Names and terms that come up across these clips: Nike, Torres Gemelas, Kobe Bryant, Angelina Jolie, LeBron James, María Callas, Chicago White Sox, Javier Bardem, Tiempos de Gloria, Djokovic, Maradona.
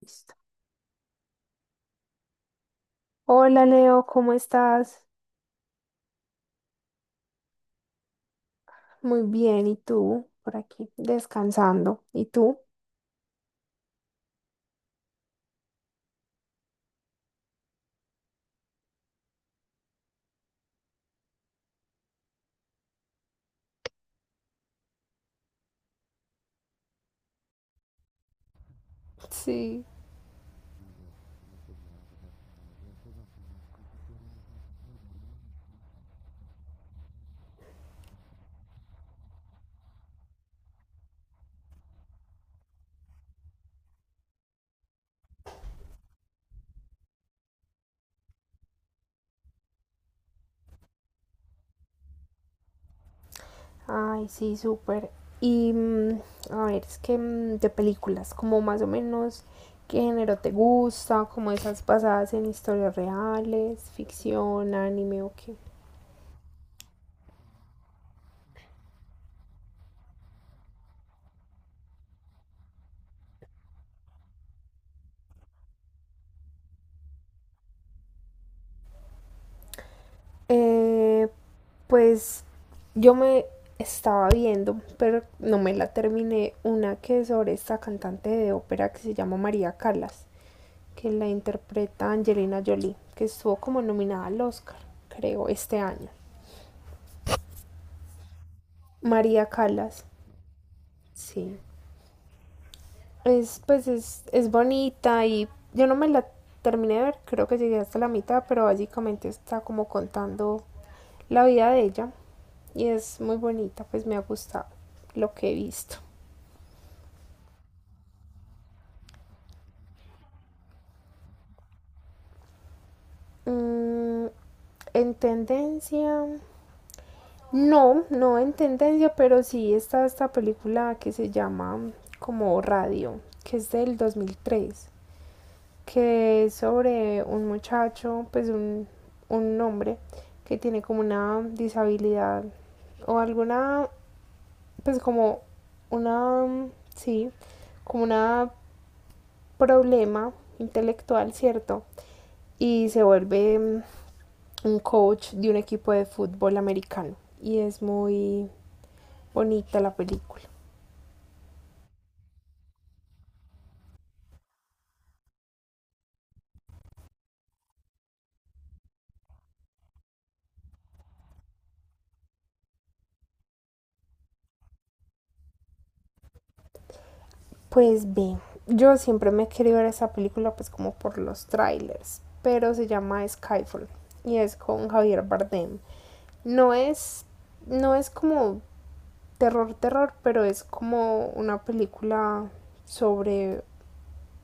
Listo. Hola Leo, ¿cómo estás? Muy bien, ¿y tú? Por aquí, descansando. ¿Y tú? Sí. Ay, sí, súper. Y a ver, es que de películas, como más o menos, ¿qué género te gusta? Como esas basadas en historias reales, ficción, anime o qué. Eh, pues yo me estaba viendo, pero no me la terminé, una que es sobre esta cantante de ópera que se llama María Callas, que la interpreta Angelina Jolie, que estuvo como nominada al Oscar, creo, este año. María Calas, sí. Es, pues es bonita y yo no me la terminé de ver, creo que llegué hasta la mitad, pero básicamente está como contando la vida de ella y es muy bonita, pues me ha gustado lo que he visto. Mm, en tendencia. No, no en tendencia, pero sí está esta película que se llama como Radio, que es del 2003, que es sobre un muchacho, pues un hombre que tiene como una disabilidad o alguna, pues como una, sí, como una problema intelectual, ¿cierto? Y se vuelve un coach de un equipo de fútbol americano y es muy bonita la película. Pues ve, yo siempre me he querido ver esa película pues como por los trailers, pero se llama Skyfall y es con Javier Bardem. No es no es como terror terror, pero es como una película sobre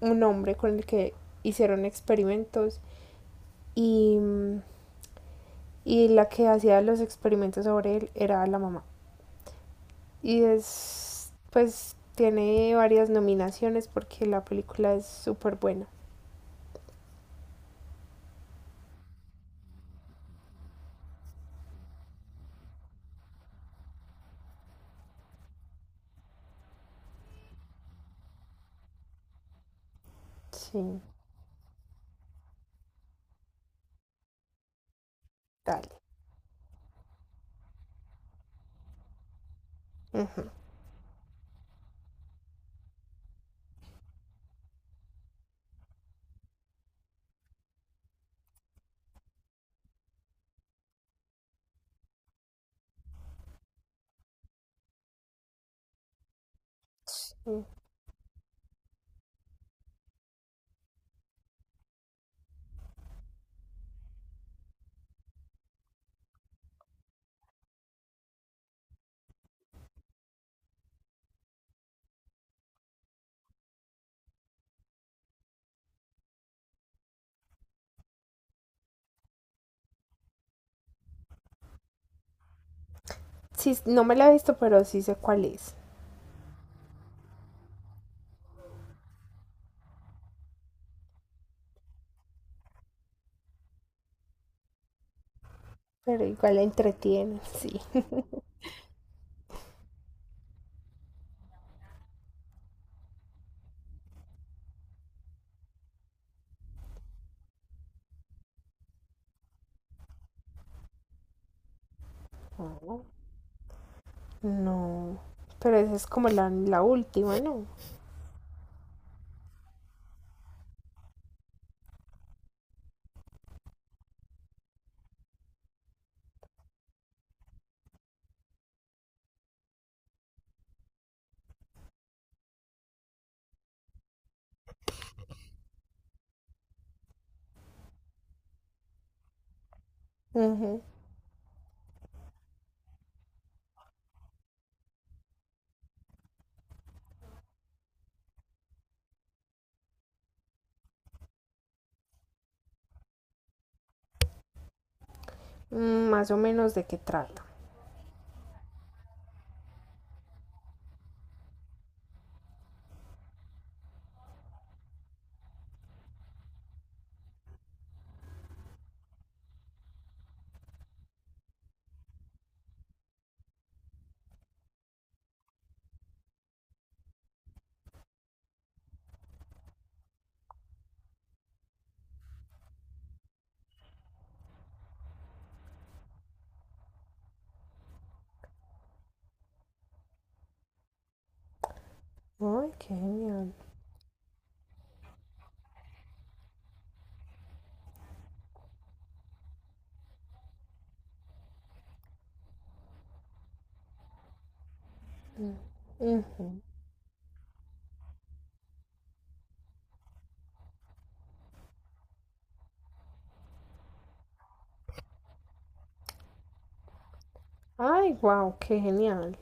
un hombre con el que hicieron experimentos y, y la que hacía los experimentos sobre él era la mamá. Y es pues tiene varias nominaciones porque la película es súper buena. Sí. Dale. Ujú. Mm. Sí, no me la he visto, pero sí sé cuál es. Pero igual la entretiene, sí. Oh, no. Pero esa es como la última, ¿no? Ujú. Mm, más o menos de qué trata. Ay, qué genial. Mm. Ujú. Ay, wow, qué genial.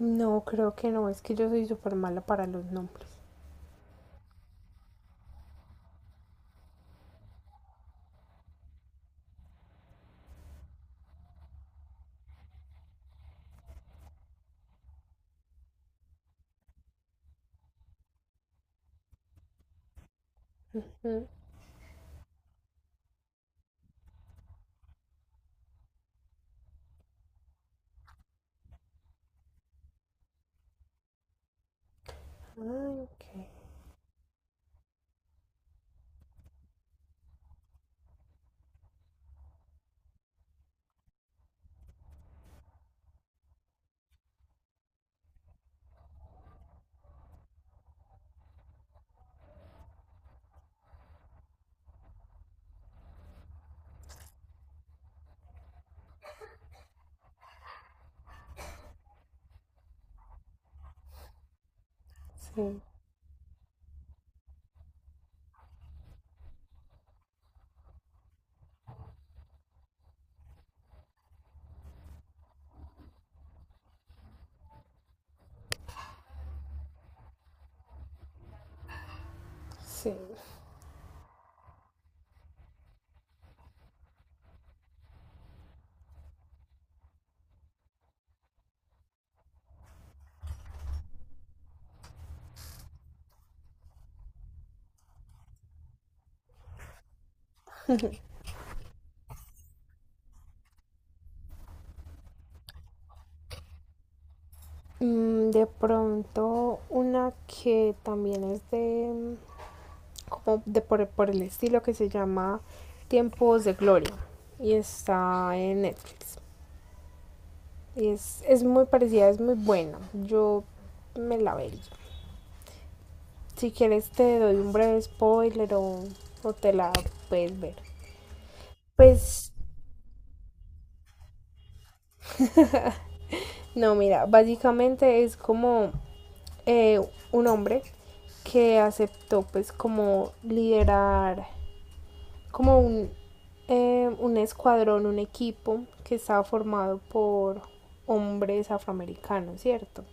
No, creo que no, es que yo soy súper mala para los nombres. Mm. Ay, ok. Sí. Sí. Mm, de pronto, una que también es de, como de por el estilo que se llama Tiempos de Gloria y está en Netflix. Y es muy parecida, es muy buena. Yo me la vería. Si quieres te doy un breve spoiler o te la puedes ver. Pues no, mira, básicamente es como eh, un hombre que aceptó pues como liderar como un escuadrón, un equipo que estaba formado por hombres afroamericanos, ¿cierto?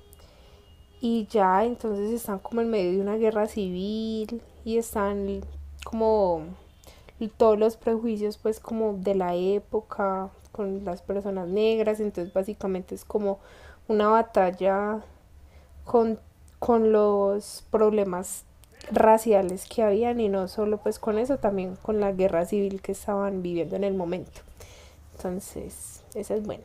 Y ya entonces están como en medio de una guerra civil y están como todos los prejuicios pues como de la época con las personas negras, entonces básicamente es como una batalla con, con los problemas raciales que habían y no solo pues con eso, también con la guerra civil que estaban viviendo en el momento. Entonces, esa es buena.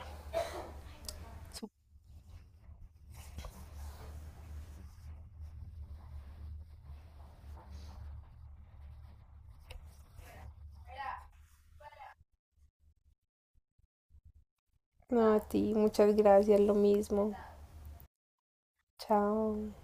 No, a ti, muchas gracias, lo mismo. Chao.